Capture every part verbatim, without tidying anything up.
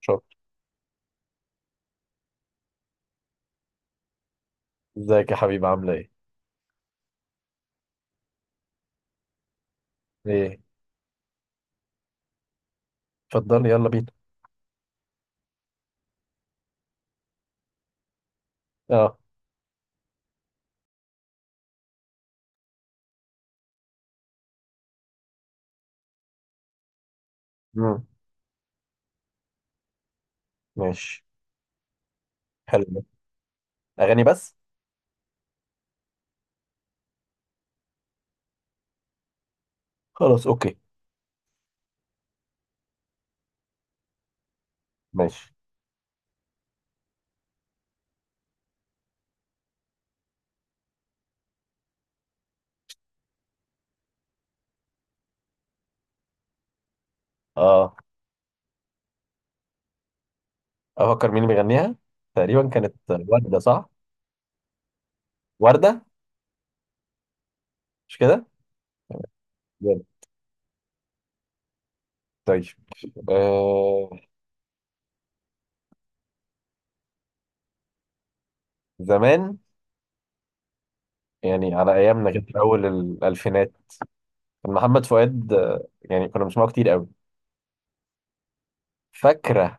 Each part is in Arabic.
شكرا. ازيك يا حبيبي؟ عاملة ايه؟ ايه؟ اتفضلي، يلا بينا. اه. مم. ماشي. حلو ده. اغاني بس؟ خلاص، اوكي. ماشي. اه، افكر مين اللي بيغنيها؟ تقريبا كانت وردة صح؟ وردة. مش كده؟ جامد. طيب، آه زمان، يعني على ايامنا كده في اول الالفينات كان محمد فؤاد آه، يعني كنا بنسمعه كتير قوي. فاكرة؟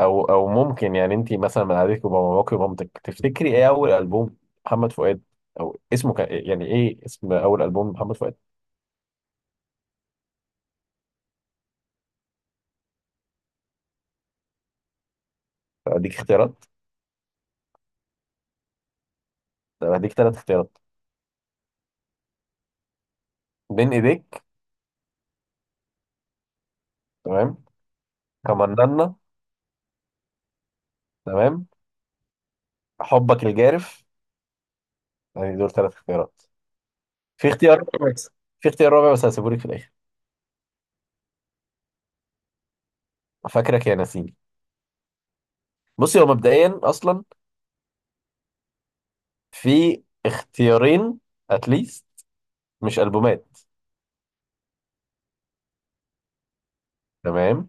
او او ممكن يعني انت مثلا من قعدتك وباباك ومامتك تفتكري ايه اول البوم محمد فؤاد، او اسمه كان إيه؟ يعني ايه اسم اول البوم محمد فؤاد؟ اديك اختيارات. طب هديك ثلاث اختيارات: بين ايديك، تمام، كمننا، تمام، حبك الجارف. يعني دول ثلاث اختيارات. في اختيار كويس. في اختيار رابع بس هسيبهولك في الاخر. فاكرك يا نسيني. بصي، هو مبدئيا اصلا في اختيارين اتليست، مش البومات. تمام.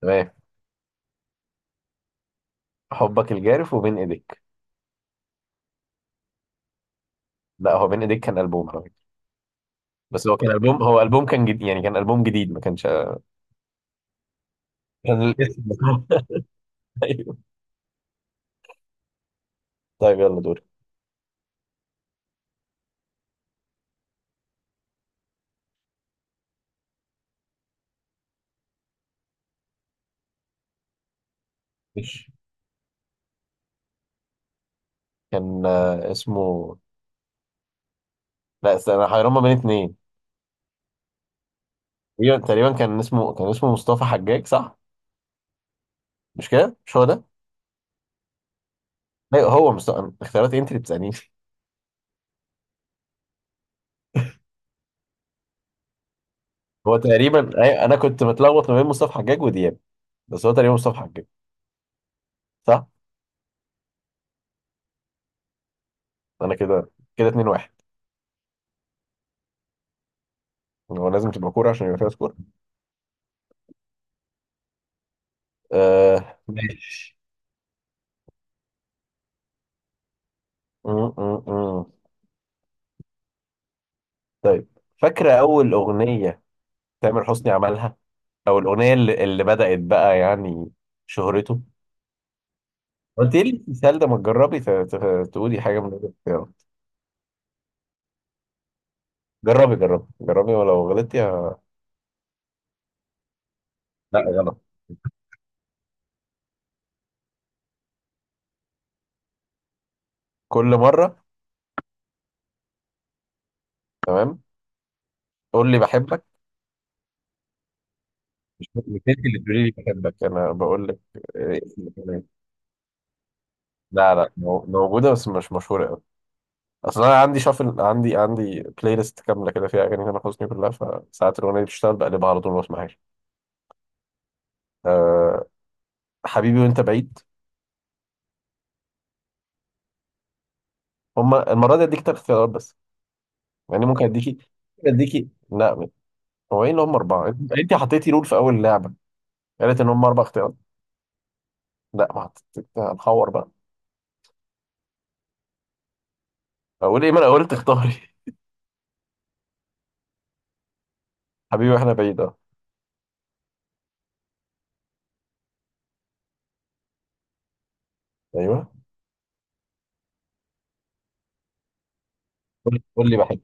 تمام. حبك الجارف وبين ايديك. لا، هو بين ايديك كان البوم على فكره. بس هو كان البوم، هو البوم كان جديد، يعني كان البوم جديد، ما كانش كان الاسم ايوه. طيب يلا دوري. ماشي. كان آه، اسمه، لا استنى، انا حيران ما بين اتنين. تقريبا تقريبا كان اسمه، كان اسمه مصطفى حجاج صح؟ مش كده؟ مش هو ده؟ لا هو مصطفى. اختيارات إيه؟ انت اللي بتسالني. هو تقريبا أي- انا كنت متلخبط ما بين مصطفى حجاج ودياب، بس هو تقريبا مصطفى حجاج، صح. انا كده، كده اتنين واحد. هو لازم تبقى كوره عشان يبقى فيها سكور؟ آه... ماشي. م- م- م. طيب، فاكرة أول أغنية تامر حسني عملها، أو الأغنية اللي, اللي بدأت بقى يعني شهرته؟ قلت لي السؤال ده، ما تجربي ت- ت- تقولي حاجة من الاختيارات. جربي جربي جربي ولو غلطتي ه- لا، غلط. كل مرة، تمام. قول لي بحبك. مش مش انت اللي تقولي لي بحبك، أنا بقول لك. إيه اسم الأغنية؟ لا لا، مو- موجودة بس مش مشهورة أوي. أصل أنا عندي شافل، عندي عندي بلاي ليست كاملة كده فيها أغاني تامر حسني كلها، فساعات الأغنية دي بتشتغل بقلبها على طول ما بسمعهاش. أه، حبيبي وأنت بعيد. هما المرة دي اديك تلات اختيارات بس، يعني ممكن اديكي، اديكي لا. هو ايه ان هم اربعة؟ انت حطيتي رول في اول لعبة، قالت ان هم اربع اختيارات. لا، ما حطيت. هنحور بقى. اقول ايه؟ ما انا قلت اختاري. حبيبي واحنا بعيد، اه. ايوه. قول، قول لي بحب.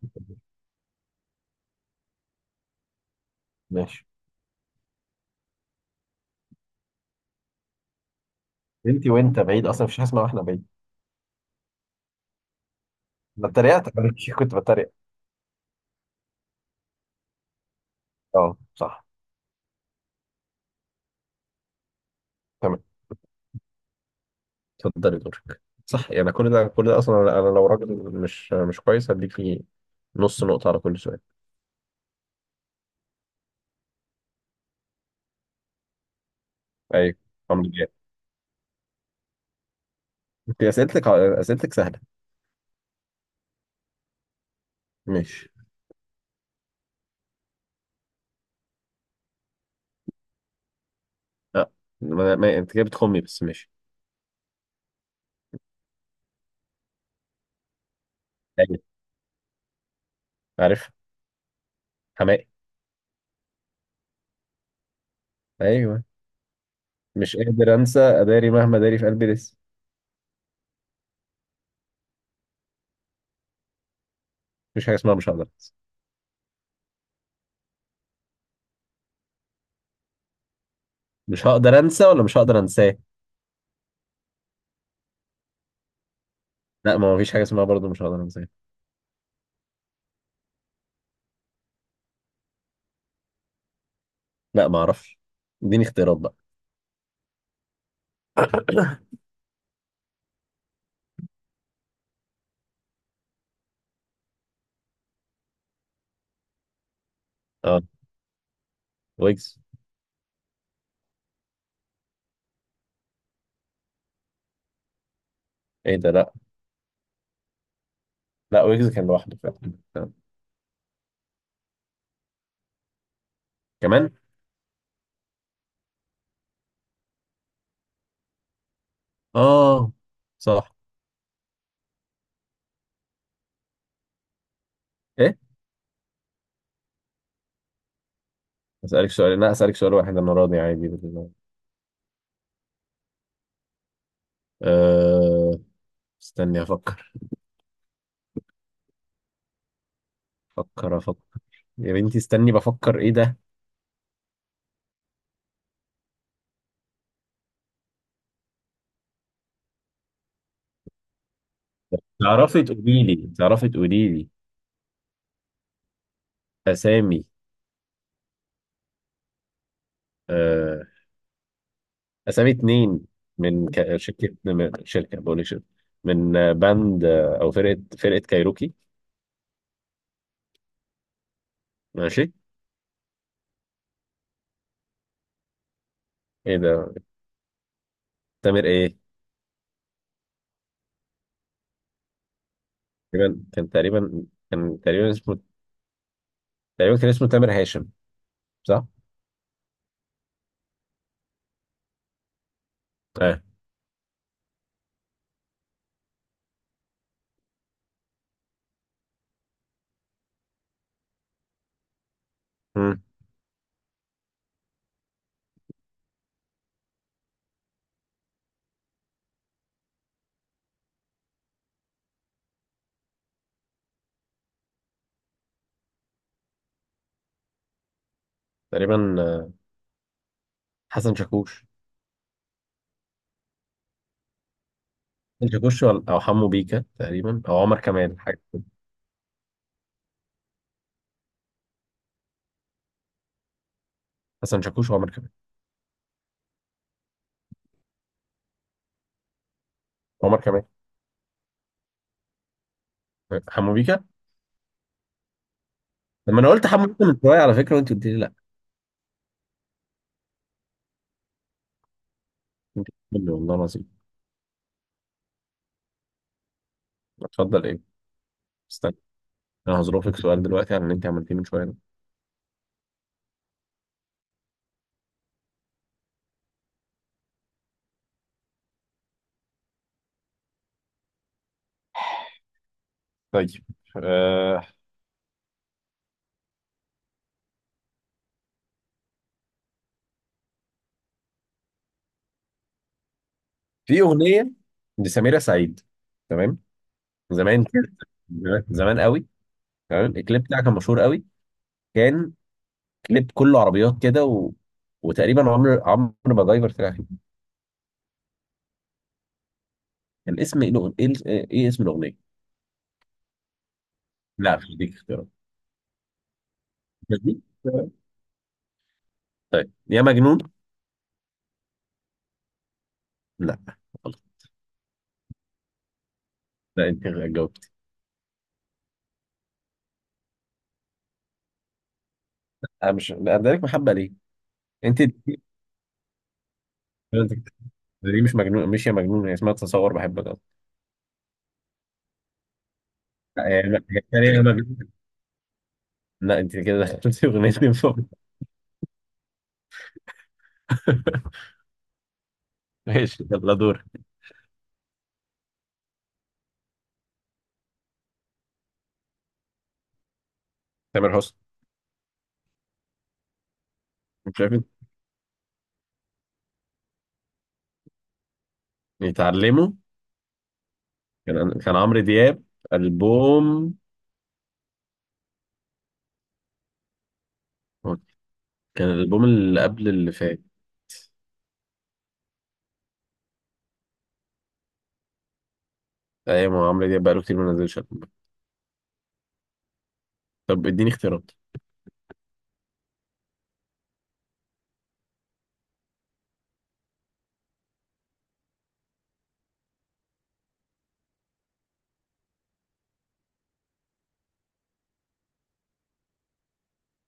ماشي. انت وانت بعيد، اصلا مفيش حاجة اسمها واحنا بعيد. انا اتريقت عليكي، كنت بتريق. اه صح. تمام. اتفضلي دورك. صح. يعني كل ده، كل ده اصلا انا، أنا لو راجل مش مش كويس. هديكي نص نقطة على كل سؤال. ايوه، عمرو جاب. انت اسئلتك، اسئلتك سهلة. ماشي. لا ما ما- انت كده بتخمي بس، ماشي. ايوه، عارف، حماقي. ايوه، مش قادر انسى، اداري مهما داري في قلبي لسه. مفيش حاجه اسمها مش هقدر انسى. مش هقدر انسى ولا مش هقدر انساه؟ لا، ما فيش حاجه اسمها برضه مش هقدر انساه. لا، ما اعرفش. اديني اختيارات بقى. اه، ويجز. ايه ده؟ لا، لا ويجز كان لوحده فعلا. آه. كمان. اه، صح. ايه؟ اسالك سؤال؟ لا، اسالك سؤال واحد، انا راضي عادي بالله. أه... استني افكر. افكر افكر. يا بنتي استني بفكر، ايه ده. تعرفي تقولي لي، تعرفي تقولي لي اسامي، آه، اسامي اتنين من ك- شركه، من شركه، بقول لك شركه، من آه، باند، آه، او فرقه، فرقه كايروكي. ماشي. ايه ده؟ تامر ايه؟ تقريبا كان، تقريبا كان، تقريبا اسمه، تقريبا كان اسمه تامر هاشم، صح؟ اه. مم. تقريبا، آه، حسن شاكوش. حسن شاكوش ولا- او حمو بيكا، تقريبا، او عمر كمال، حاجه كده. حسن شاكوش وعمر كمال. عمر كمال، آه، حمو بيكا. لما انا قلت حمو بيكا من شويه على فكره، وانت قلت لي لا. انت بتقولي، والله العظيم. اتفضل ايه؟ استنى، انا هظروفك سؤال دلوقتي عن اللي انت عملتيه من شويه ده. طيب، آه، في اغنيه لسميرة سعيد، تمام، زمان كده، زمان زمان قوي، تمام. الكليب بتاعها كان مشهور قوي. كان كليب كله عربيات كده، و... وتقريبا عمرو عمرو ما جايبر طلع فيه. الاسم ايه؟ الأغ- ايه، إيه اسم الاغنيه؟ لا، مش دي اختيارات. مش دي. طيب، يا مجنون. لا، غلط. لا، انت جاوبت. انا مش ادالك محبه ليه. انت انت دي مش مجنون، مش يا مجنون، هي اسمها تصور بحبك. آه، لا، هي تقريبا مجنون. لا، انت كده دخلتي اغنيتين فوق. ماشي، يلا دور. تامر حسني. مش شايف انت؟ يتعلموا، كان كان عمرو دياب. البوم، كان الالبوم اللي قبل اللي فات. ايوه، ما هو عمرو دياب بقاله كتير ما نزلش ألبوم. طب اديني اختيارات.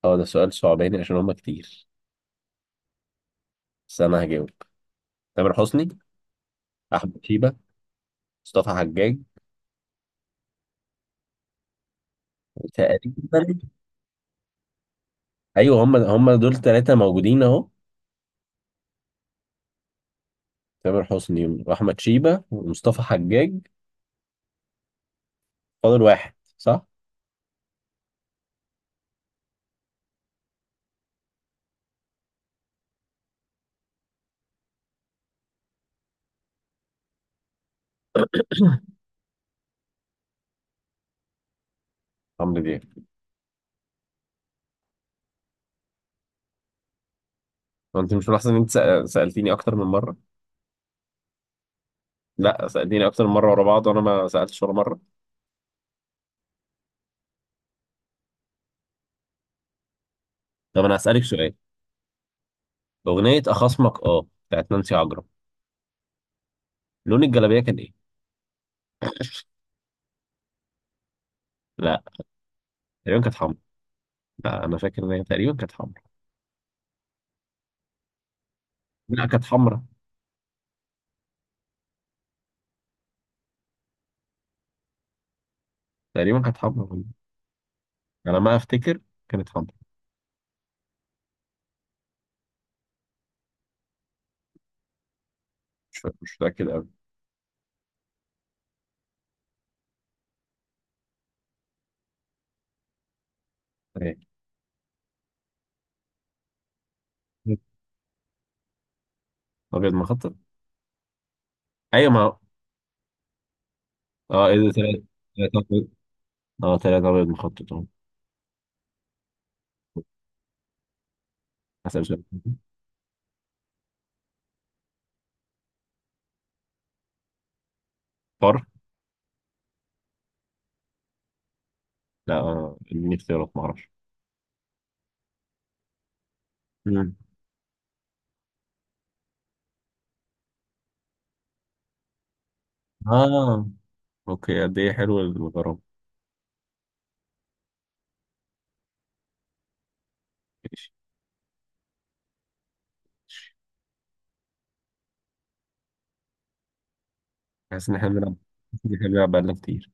اه، ده سؤال صعباني عشان هما كتير، بس انا هجاوب. تامر حسني، احمد شيبة، مصطفى حجاج. تقريبا. ايوه، هم هم دول ثلاثه موجودين اهو: تامر حسني واحمد شيبة ومصطفى حجاج، فاضل واحد، صح. عمرو دياب. هو انت مش ملاحظ ان انت سأ- سالتيني اكتر من مره؟ لا، سالتيني اكتر من مره ورا بعض، وانا ما سالتش ولا مره. طب انا هسالك سؤال. اغنيه اخصمك، اه، بتاعت نانسي عجرم، لون الجلابيه كان ايه؟ لا. تقريبا كانت حمرا. لا، انا فاكر ان هي تقريبا كانت حمرا. لا، كانت حمرا. تقريبا كانت حمرا. على ما افتكر كانت حمرا. مش فاكر- مش متاكد قوي. ايه، ابيض مخطط؟ ايوه، ما اه، ايه ده؟ تلاتة، تلاتة أبيض. اه، تلاتة ابيض مخطط، اه. هسأل سؤال حر. لا، آه، اديني اختيارات، معرفش. مم. اه، اوكي، قد ايه حلو الغرام. ماشي. ماشي. حاسس ان احنا بنلعب حاسس إن احنا بنلعب بقالنا كتير.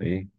ايه.